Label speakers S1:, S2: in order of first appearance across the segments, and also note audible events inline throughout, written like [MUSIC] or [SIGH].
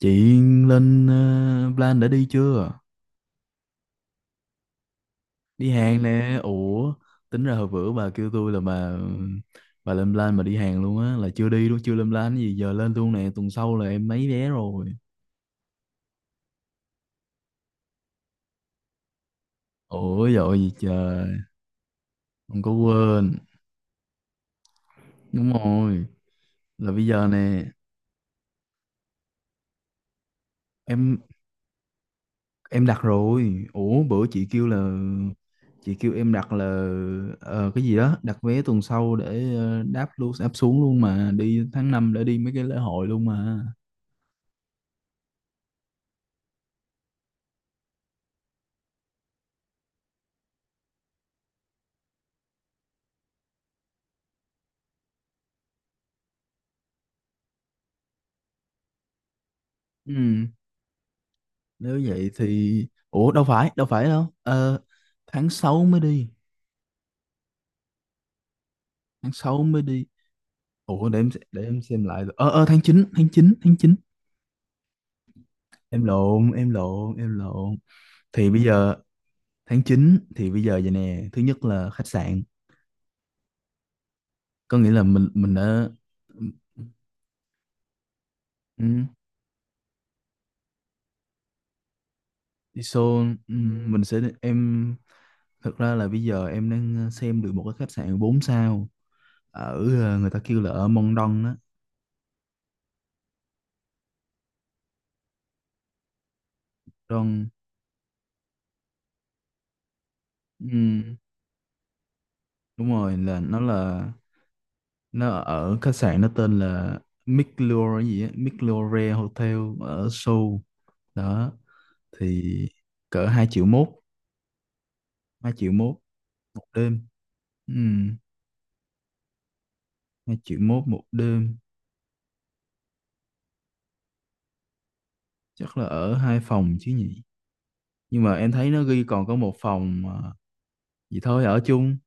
S1: Chị lên plan đã đi chưa? Đi hàng. Ừ, nè. Ủa, tính ra hồi bữa bà kêu tôi là bà lên plan mà đi hàng luôn á, là chưa đi luôn, chưa lên plan cái gì, giờ lên luôn nè, tuần sau là em lấy vé rồi. Ủa dội gì trời, không có quên. Đúng rồi, là bây giờ nè, em em đặt rồi. Ủa bữa chị kêu là chị kêu em đặt là cái gì đó, đặt vé tuần sau để đáp luôn, đáp xuống luôn mà đi tháng 5 để đi mấy cái lễ hội luôn mà. Ừ. Nếu vậy thì Ủa đâu phải Ờ, tháng 6 mới đi, tháng 6 mới đi Ủa để để em xem lại. Ờ ờ tháng 9 em lộn. Thì bây giờ tháng chín, thì bây giờ vậy nè, thứ nhất là khách sạn, có nghĩa là mình đã ừ, đi show. Ừ, mình sẽ em thực ra là bây giờ em đang xem được một cái khách sạn 4 sao ở, ờ, người ta kêu là ở Mont Don á. Don, ừ, đúng rồi, là nó ở khách sạn, nó tên là Miclure gì á, Miclure Hotel ở Seoul đó. Thì cỡ 2 triệu mốt, 2 triệu mốt một đêm. Ừ, 2 triệu mốt một đêm. Chắc là ở hai phòng chứ nhỉ, nhưng mà em thấy nó ghi còn có một phòng à, gì thôi ở chung.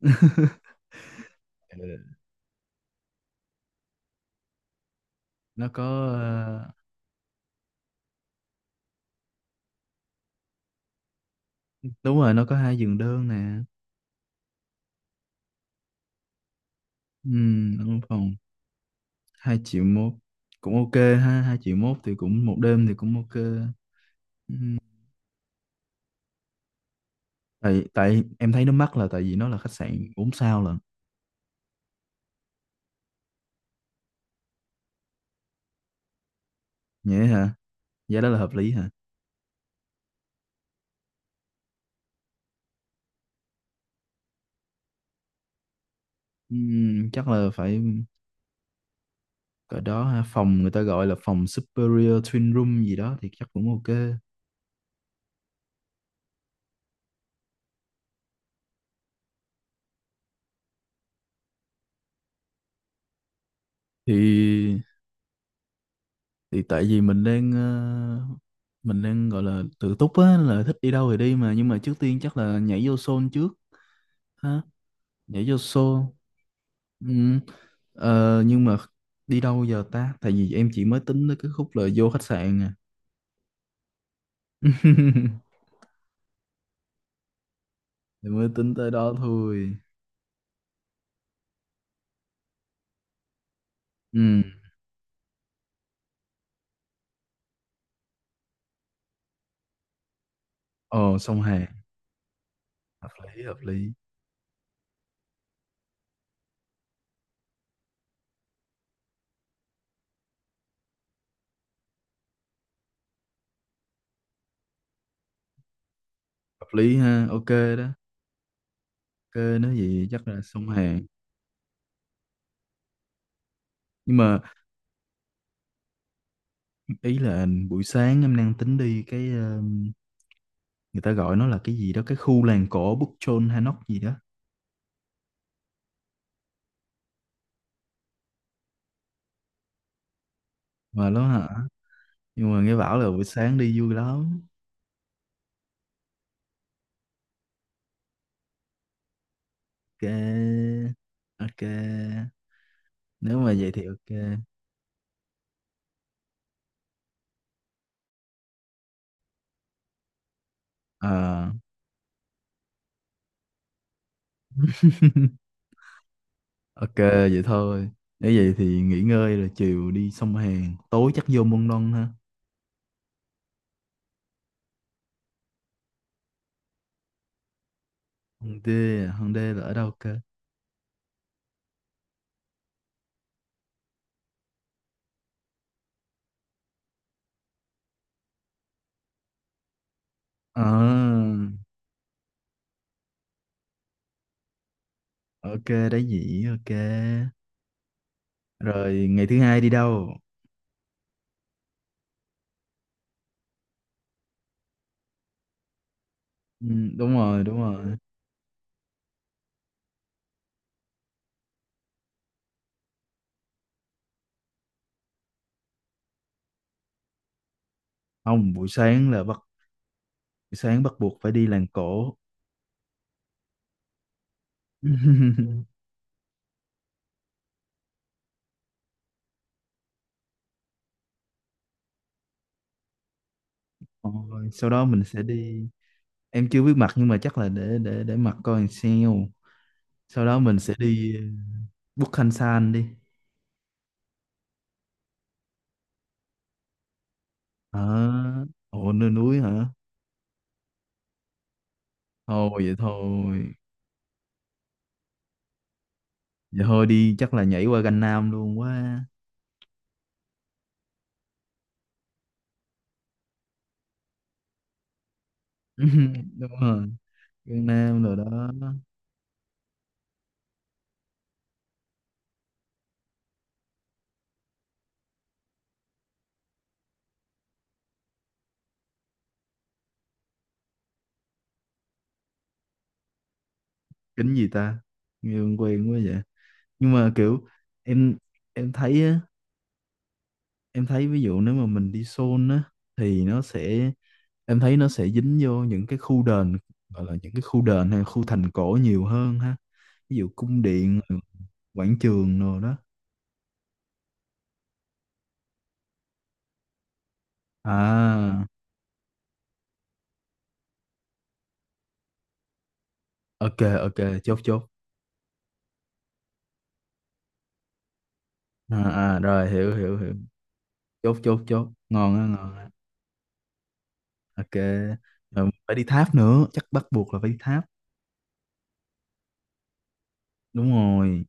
S1: [LAUGHS] Ừ, nó có, ờ, đúng rồi nó có hai giường đơn nè. Ừ, ở phòng 2 triệu mốt cũng ok ha, 2 triệu mốt thì cũng một đêm thì cũng ok. Tại tại em thấy nó mắc là tại vì nó là khách sạn bốn sao lận. Nhé hả, giá đó là hợp lý hả? Chắc là phải cỡ đó ha. Phòng người ta gọi là phòng Superior Twin Room gì đó thì chắc cũng ok. thì thì tại vì mình đang mình đang gọi là tự túc á, là thích đi đâu thì đi, mà nhưng mà trước tiên chắc là nhảy vô Seoul trước ha, nhảy vô Seoul. Ừm, ờ, nhưng mà đi đâu giờ ta, tại vì em chỉ mới tính tới cái khúc là vô khách sạn à. [LAUGHS] Thì mới tính tới đó thôi. Ừ. Ồ, sông Hàn. Hợp lý hợp lý hợp lý ha, ok đó. Ok, nói gì chắc là sông Hàn. Nhưng mà ý là buổi sáng em đang tính đi cái người ta gọi nó là cái gì đó, cái khu làng cổ Bukchon Hanok gì đó mà đó hả. Nhưng mà nghe bảo là buổi sáng đi vui lắm. Ok, ok, nếu mà vậy thì ok. À, ok vậy thôi, nếu vậy thì nghỉ ngơi rồi chiều đi sông Hàn, tối chắc vô Môn Đông ha. Hòn Đê, à? Hòn Đê là ở đâu cơ? À, ok, Đá Nhĩ, ok. Rồi ngày thứ hai đi đâu? Ừ, đúng rồi, đúng rồi. Không, buổi sáng bắt buộc phải đi làng cổ. [LAUGHS] Rồi, sau đó mình sẽ đi. Em chưa biết mặt nhưng mà chắc là để mặt coi làm sao. Sau đó mình sẽ đi Bút Khanh San đi. Hả? Ồ, nơi núi hả? Thôi vậy thôi. Vậy thôi đi chắc là nhảy qua Gành Nam luôn quá. [LAUGHS] Đúng rồi, Gangnam Nam rồi đó. Kính gì ta, nghe quen quen quá vậy. Nhưng mà kiểu em em thấy á, em thấy ví dụ nếu mà mình đi Seoul á thì nó sẽ, em thấy nó sẽ dính vô những cái khu đền, gọi là những cái khu đền hay khu thành cổ nhiều hơn ha, ví dụ cung điện, quảng trường rồi đó. À, ok, ok, chốt chốt À, à rồi hiểu hiểu hiểu chốt chốt chốt ngon á, ngon á. Ok, rồi phải đi tháp nữa, chắc bắt buộc là phải đi tháp. Đúng rồi,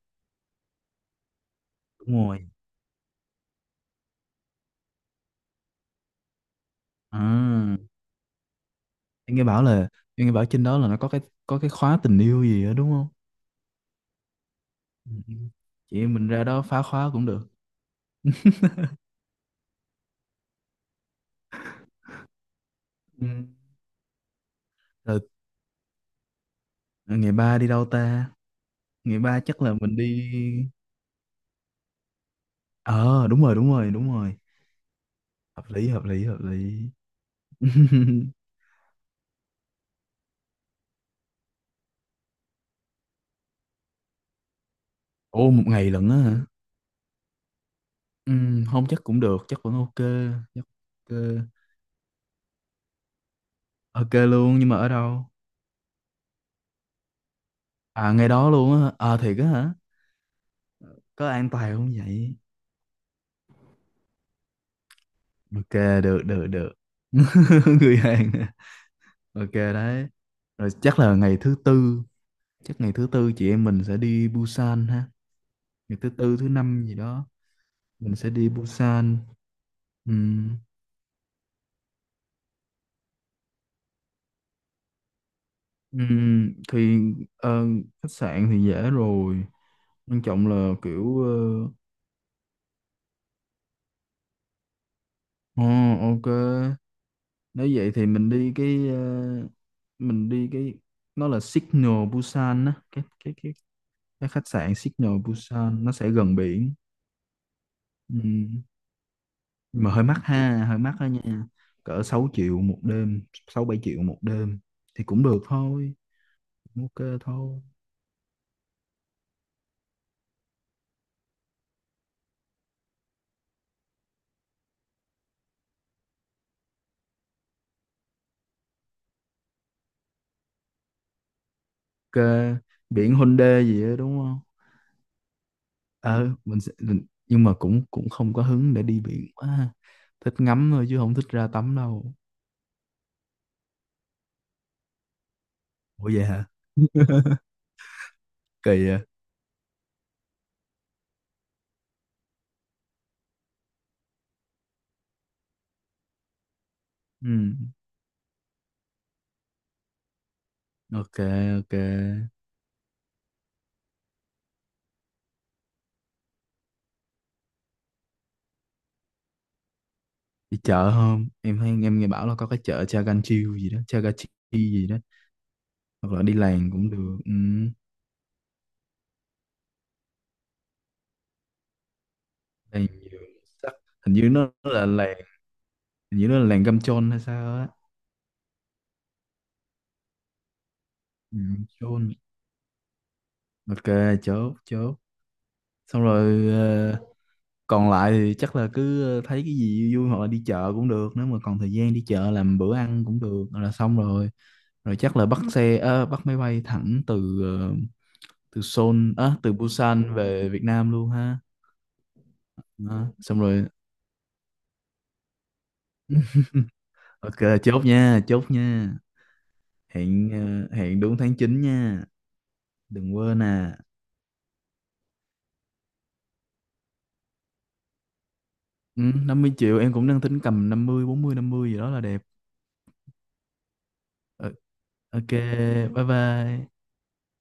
S1: đúng rồi. À em nghe bảo là Em nghe bảo trên đó là nó có cái khóa tình yêu gì đó đúng không? Ừ, chị em mình ra đó phá khóa cũng được. Ừ, rồi. À, ngày ba đi đâu ta? Ngày ba chắc là mình đi. Ờ, đúng rồi, đúng rồi, đúng rồi. Hợp lý, hợp lý, hợp lý. [LAUGHS] Ô, một ngày lận á hả? Ừ, không chắc cũng được, chắc vẫn ok, chắc ok. Ok luôn nhưng mà ở đâu? À, ngày đó luôn á hả? À thiệt á hả? Có an toàn không vậy? Ok, được, được, được. [LAUGHS] Người Hàn à? Ok đấy. Rồi chắc là ngày thứ tư, chắc ngày thứ tư chị em mình sẽ đi Busan ha, ngày thứ tư thứ năm gì đó mình sẽ đi Busan. Ừm, thì ờ, khách sạn thì dễ rồi, quan trọng là kiểu ờ, ờ, ok. Nếu vậy thì mình đi cái mình đi cái nó là Signal Busan á, cái khách sạn Signal Busan nó sẽ gần biển. Ừ. Nhưng mà hơi mắc ha, hơi mắc đó nha. Cỡ 6 triệu một đêm, 6 7 triệu một đêm thì cũng được thôi, cũng ok thôi. Ok, biển Hyundai gì đó đúng không? Ờ, mình sẽ, mình nhưng mà cũng cũng không có hứng để đi biển quá ha. Thích ngắm thôi chứ không thích ra tắm đâu. Ủa vậy hả? Kỳ vậy. Ừ. Ok, ok. Đi chợ không? Em thấy em nghe bảo là có cái chợ Chaganchil gì đó, Chagachi gì đó, hoặc là đi làng cũng được. Ừ. Làng nhiều sắc, hình như nó là làng, hình như nó là làng Găm Chôn hay sao á. Ừ, Chôn, ok, chốt chốt. Xong rồi ờ, còn lại thì chắc là cứ thấy cái gì vui vui hoặc là đi chợ cũng được, nếu mà còn thời gian đi chợ làm bữa ăn cũng được là xong rồi. Rồi chắc là bắt xe bắt máy bay thẳng từ ờ, từ Seoul á từ Busan về Việt Nam luôn ha. Đó, xong rồi, ok, chốt nha, chốt nha. Hẹn, ờ, hẹn đúng tháng 9 nha, đừng quên à. Ừ, 50 triệu em cũng đang tính cầm 50, 40, 50 gì đó là đẹp. Ừ, ok, bye bye.